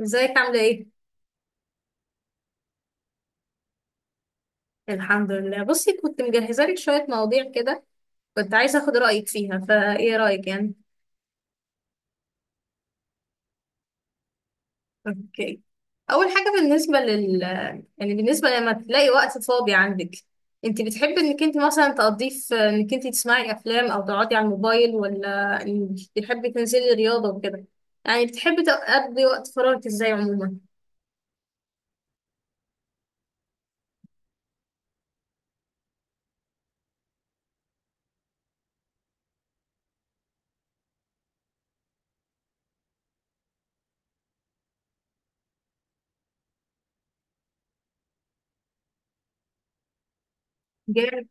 ازيك، عاملة ايه؟ الحمد لله، بصي كنت مجهزة لك شوية مواضيع كده. كنت عايزة اخد رأيك فيها، فايه رأيك يعني؟ اوكي، اول حاجة بالنسبة لل يعني بالنسبة لما تلاقي وقت فاضي عندك، انت بتحبي انك انت مثلا تقضيه في انك انت تسمعي افلام او تقعدي على الموبايل، ولا انك بتحبي تنزلي رياضة وكده، يعني بتحبي تقضي وقت فراغك ازاي عموما؟ جامد.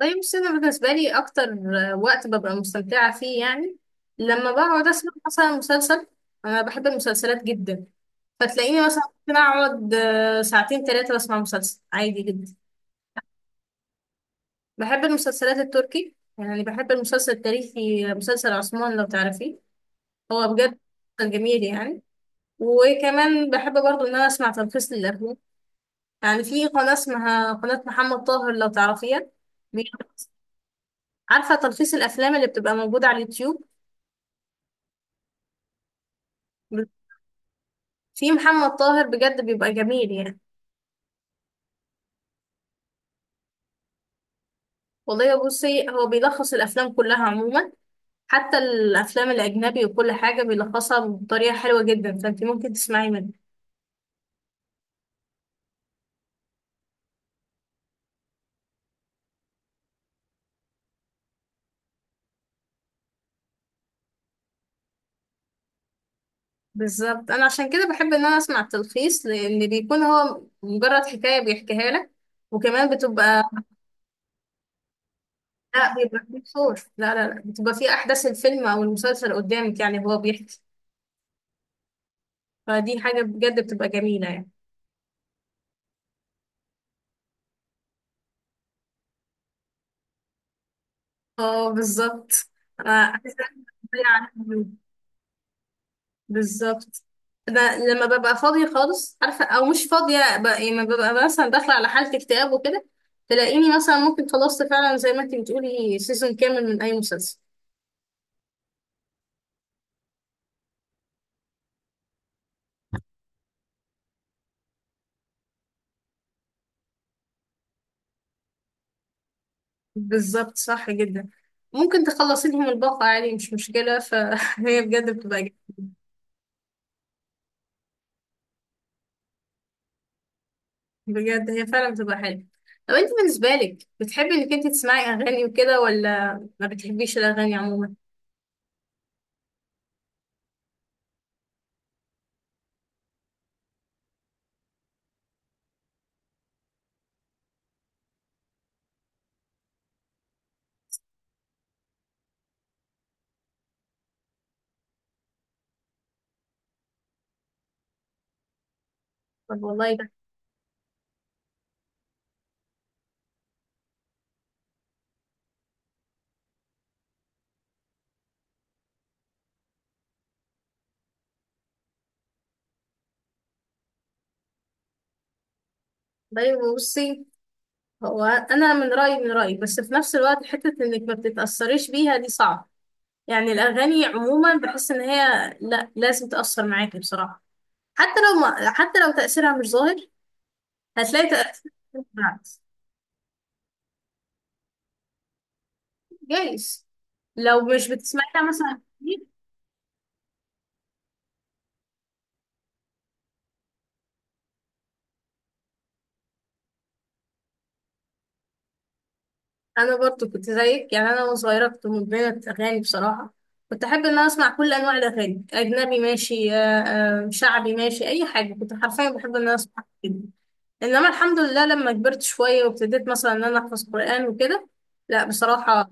طيب بس انا بالنسبه لي اكتر وقت ببقى مستمتعه فيه، يعني لما بقعد اسمع مثلا مسلسل. انا بحب المسلسلات جدا، فتلاقيني مثلا ممكن اقعد ساعتين ثلاثه بسمع مسلسل عادي جدا. بحب المسلسلات التركي، يعني بحب المسلسل التاريخي، مسلسل عثمان لو تعرفيه، هو بجد مسلسل جميل يعني. وكمان بحب برضو ان انا اسمع تلخيص للافلام، يعني في قناه اسمها قناه محمد طاهر لو تعرفيها. بي- عارفه تلخيص الافلام اللي بتبقى موجوده على اليوتيوب؟ في محمد طاهر بجد بيبقى جميل يعني. والله بصي، هو بيلخص الافلام كلها عموما، حتى الافلام الاجنبي، وكل حاجه بيلخصها بطريقه حلوه جدا، فانت ممكن تسمعي منه. بالظبط، انا عشان كده بحب ان انا اسمع التلخيص، لان بيكون هو مجرد حكايه بيحكيها لك، وكمان بتبقى. لا، بيبقى فيه صور، لا لا لا، بتبقى فيه احداث الفيلم او المسلسل قدامك، يعني هو بيحكي. فدي حاجه بجد بتبقى جميله يعني. اه، بالظبط. انا عايزة أتكلم عنها. بالظبط، انا لما ببقى فاضيه خالص، عارفه، او مش فاضيه، لما ببقى مثلا داخله على حاله اكتئاب وكده، تلاقيني مثلا ممكن خلصت فعلا زي ما انت بتقولي سيزون كامل من اي مسلسل. بالظبط، صح جدا. ممكن تخلصي لهم الباقه عادي، مش مشكله، فهي بجد بجد هي فعلا بتبقى حلوه. طب انت بالنسبه لك، بتحبي انك انت تسمعي اغاني وكده، ولا ما بتحبيش الاغاني عموما؟ طب، والله ده، طيب بصي، هو انا من رايي، من رايي بس في نفس الوقت حته انك ما بتتاثريش بيها دي صعب، يعني الاغاني عموما بحس ان هي لا، لازم تاثر معاكي بصراحه. حتى لو تاثيرها مش ظاهر، هتلاقي تاثير. بالعكس. جايز، لو مش بتسمعيها مثلا كتير. انا برضو كنت زيك، يعني انا وانا صغيره كنت مدمنه اغاني بصراحه، كنت احب ان انا اسمع كل انواع الاغاني، اجنبي ماشي، شعبي ماشي، اي حاجه كنت حرفيا بحب ان انا اسمع كده. انما الحمد لله، لما كبرت شويه وابتديت مثلا ان انا احفظ قران وكده، لا بصراحه،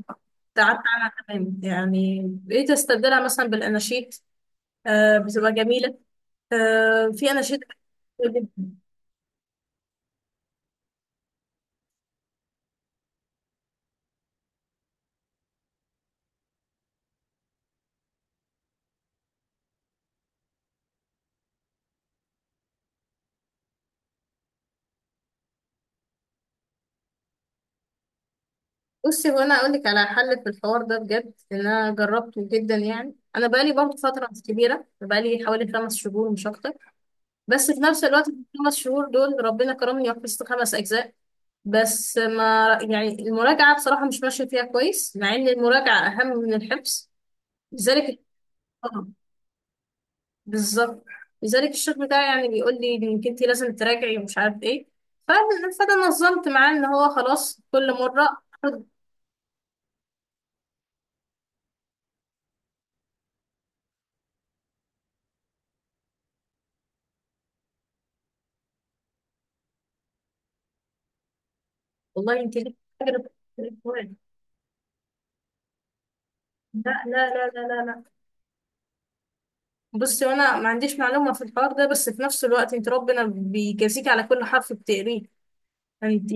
تعبت عنها تماما، يعني بقيت استبدلها مثلا بالاناشيد. آه، بتبقى جميله، آه، في اناشيد كتير جدا. بصي، هو انا اقول لك على حل في الحوار ده بجد ان انا جربته جدا، يعني انا بقالي برضه فتره مش كبيره، بقالي حوالي 5 شهور مش اكتر، بس في نفس الوقت في الخمس شهور دول ربنا كرمني وحفظت 5 اجزاء. بس ما يعني المراجعة بصراحة مش ماشية فيها كويس، مع إن المراجعة أهم من الحفظ. لذلك، آه، بالظبط. لذلك الشيخ بتاعي يعني بيقول لي إنك أنت لازم تراجعي ومش عارف إيه، ف- فأنا نظمت معاه إن هو خلاص كل مرة خد. والله أنت ليك أجر في القرآن. لا لا لا لا لا لا. بصي، وأنا ما عنديش معلومة في الحوار ده، بس في نفس الوقت أنت ربنا بيجازيك على كل حرف بتقريه. أنت.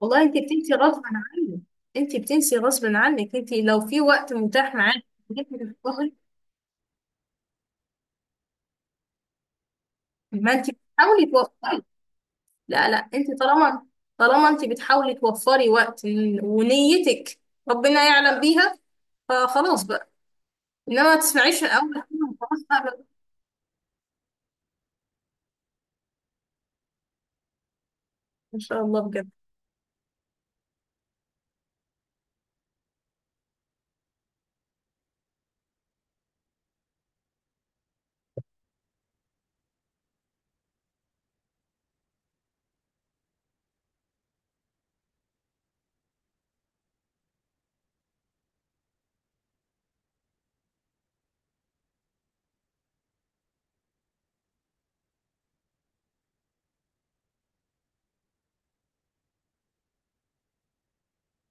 والله انت بتنسي غصب عنك. انت بتنسي غصب عنك، انت لو في وقت متاح معاك إنك تتفرغي، ما انت بتحاولي توفري. لا لا، انت طالما انت بتحاولي توفري وقت، ونيتك ربنا يعلم بيها. فخلاص بقى، انما ما تسمعيش من اول كلمة وخلاص بقى بقى. ان شاء الله بجد.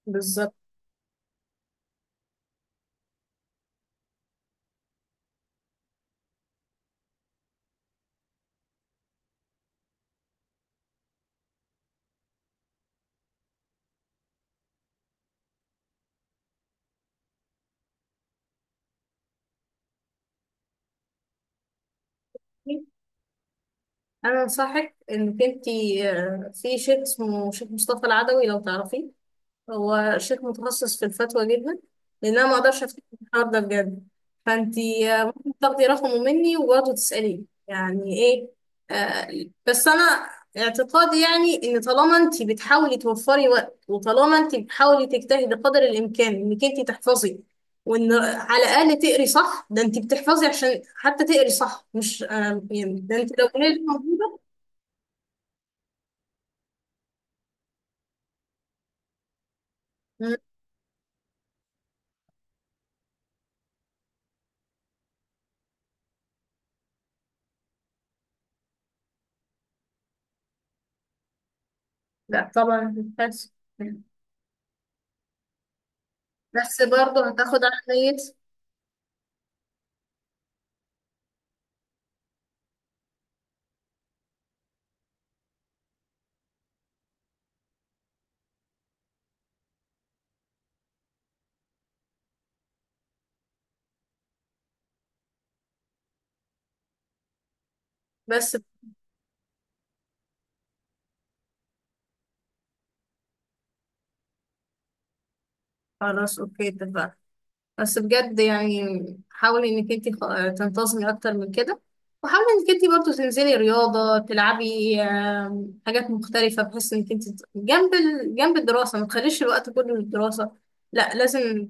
بالظبط. انا انصحك انك انت، في شيخ اسمه شيخ مصطفى العدوي لو تعرفيه، هو شيخ متخصص في الفتوى جدا. لان انا ما اقدرش افتكر الحوار ده بجد، فانتي ممكن تاخدي رقمه مني وبرضه تساليه يعني ايه. آه، بس انا اعتقادي يعني ان طالما انتي بتحاولي توفري وقت، وطالما انتي بتحاولي تجتهدي قدر الامكان انك انتي تحفظي، وان على الاقل تقري صح، ده انتي بتحفظي عشان حتى تقري صح، مش يعني ده انتي لو قريتي موجوده. مم. لا طبعا، بس، بس برضه هتاخد على نيتي بس. خلاص، اوكي اتفقنا. بس بجد يعني حاولي انك انت تنتظمي اكتر من كده، وحاولي انك انت برضو تنزلي رياضة، تلعبي حاجات مختلفة، بحيث انك انت جنب جنب الدراسة ما تخليش الوقت كله للدراسة. لا، لازم.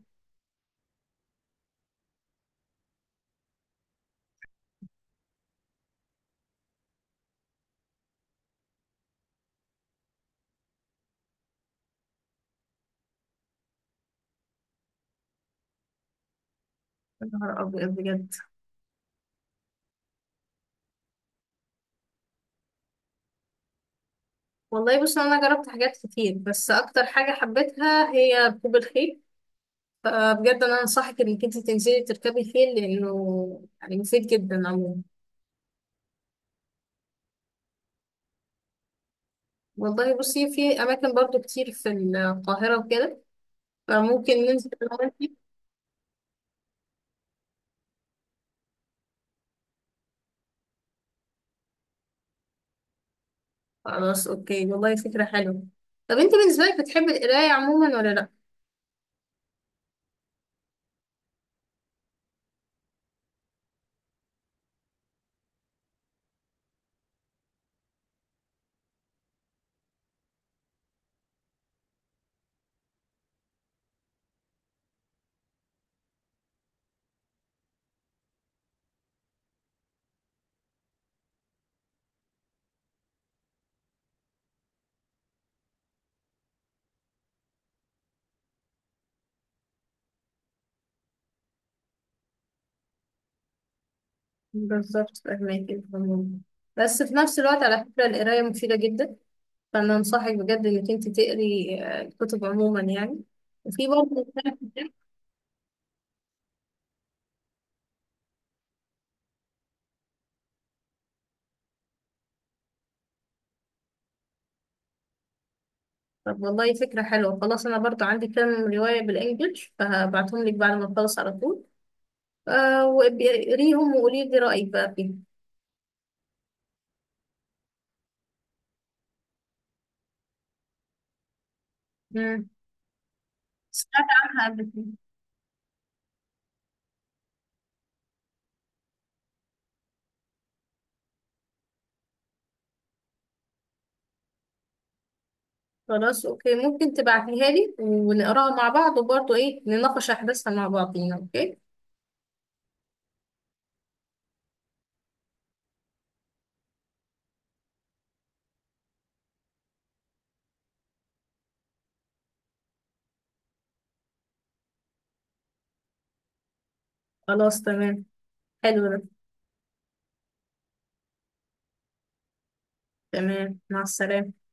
يا نهار ابيض، بجد. والله بصي، انا جربت حاجات كتير بس اكتر حاجة حبيتها هي ركوب الخيل، فبجد انا انصحك انك انت تنزلي تركبي خيل، لانه يعني مفيد جدا عموما. والله بصي، في أماكن برضو كتير في القاهرة وكده، فممكن ننزل أنا وأنتي. خلاص أوكي، والله فكرة حلوة. طب أنت بالنسبة لك بتحبي القراية عموما، ولا لأ؟ بالظبط، فاهماكي تمام. بس في نفس الوقت، على فكرة، القراية مفيدة جدا، فأنا أنصحك بجد إنك أنت تقري الكتب عموما يعني. وفي برضه، طب، والله فكرة حلوة. خلاص، أنا برضو عندي كام رواية بالإنجلش، فهبعتهم لك بعد ما أخلص على طول. وقريهم وقولي لي رأيك بقى فيهم. مم. سمعت عنها قبل كده. خلاص، اوكي، ممكن تبعتيها لي ونقراها مع بعض، وبرضه ايه نناقش احداثها مع بعضينا. اوكي، خلاص تمام، حلو ده. تمام، مع السلامة.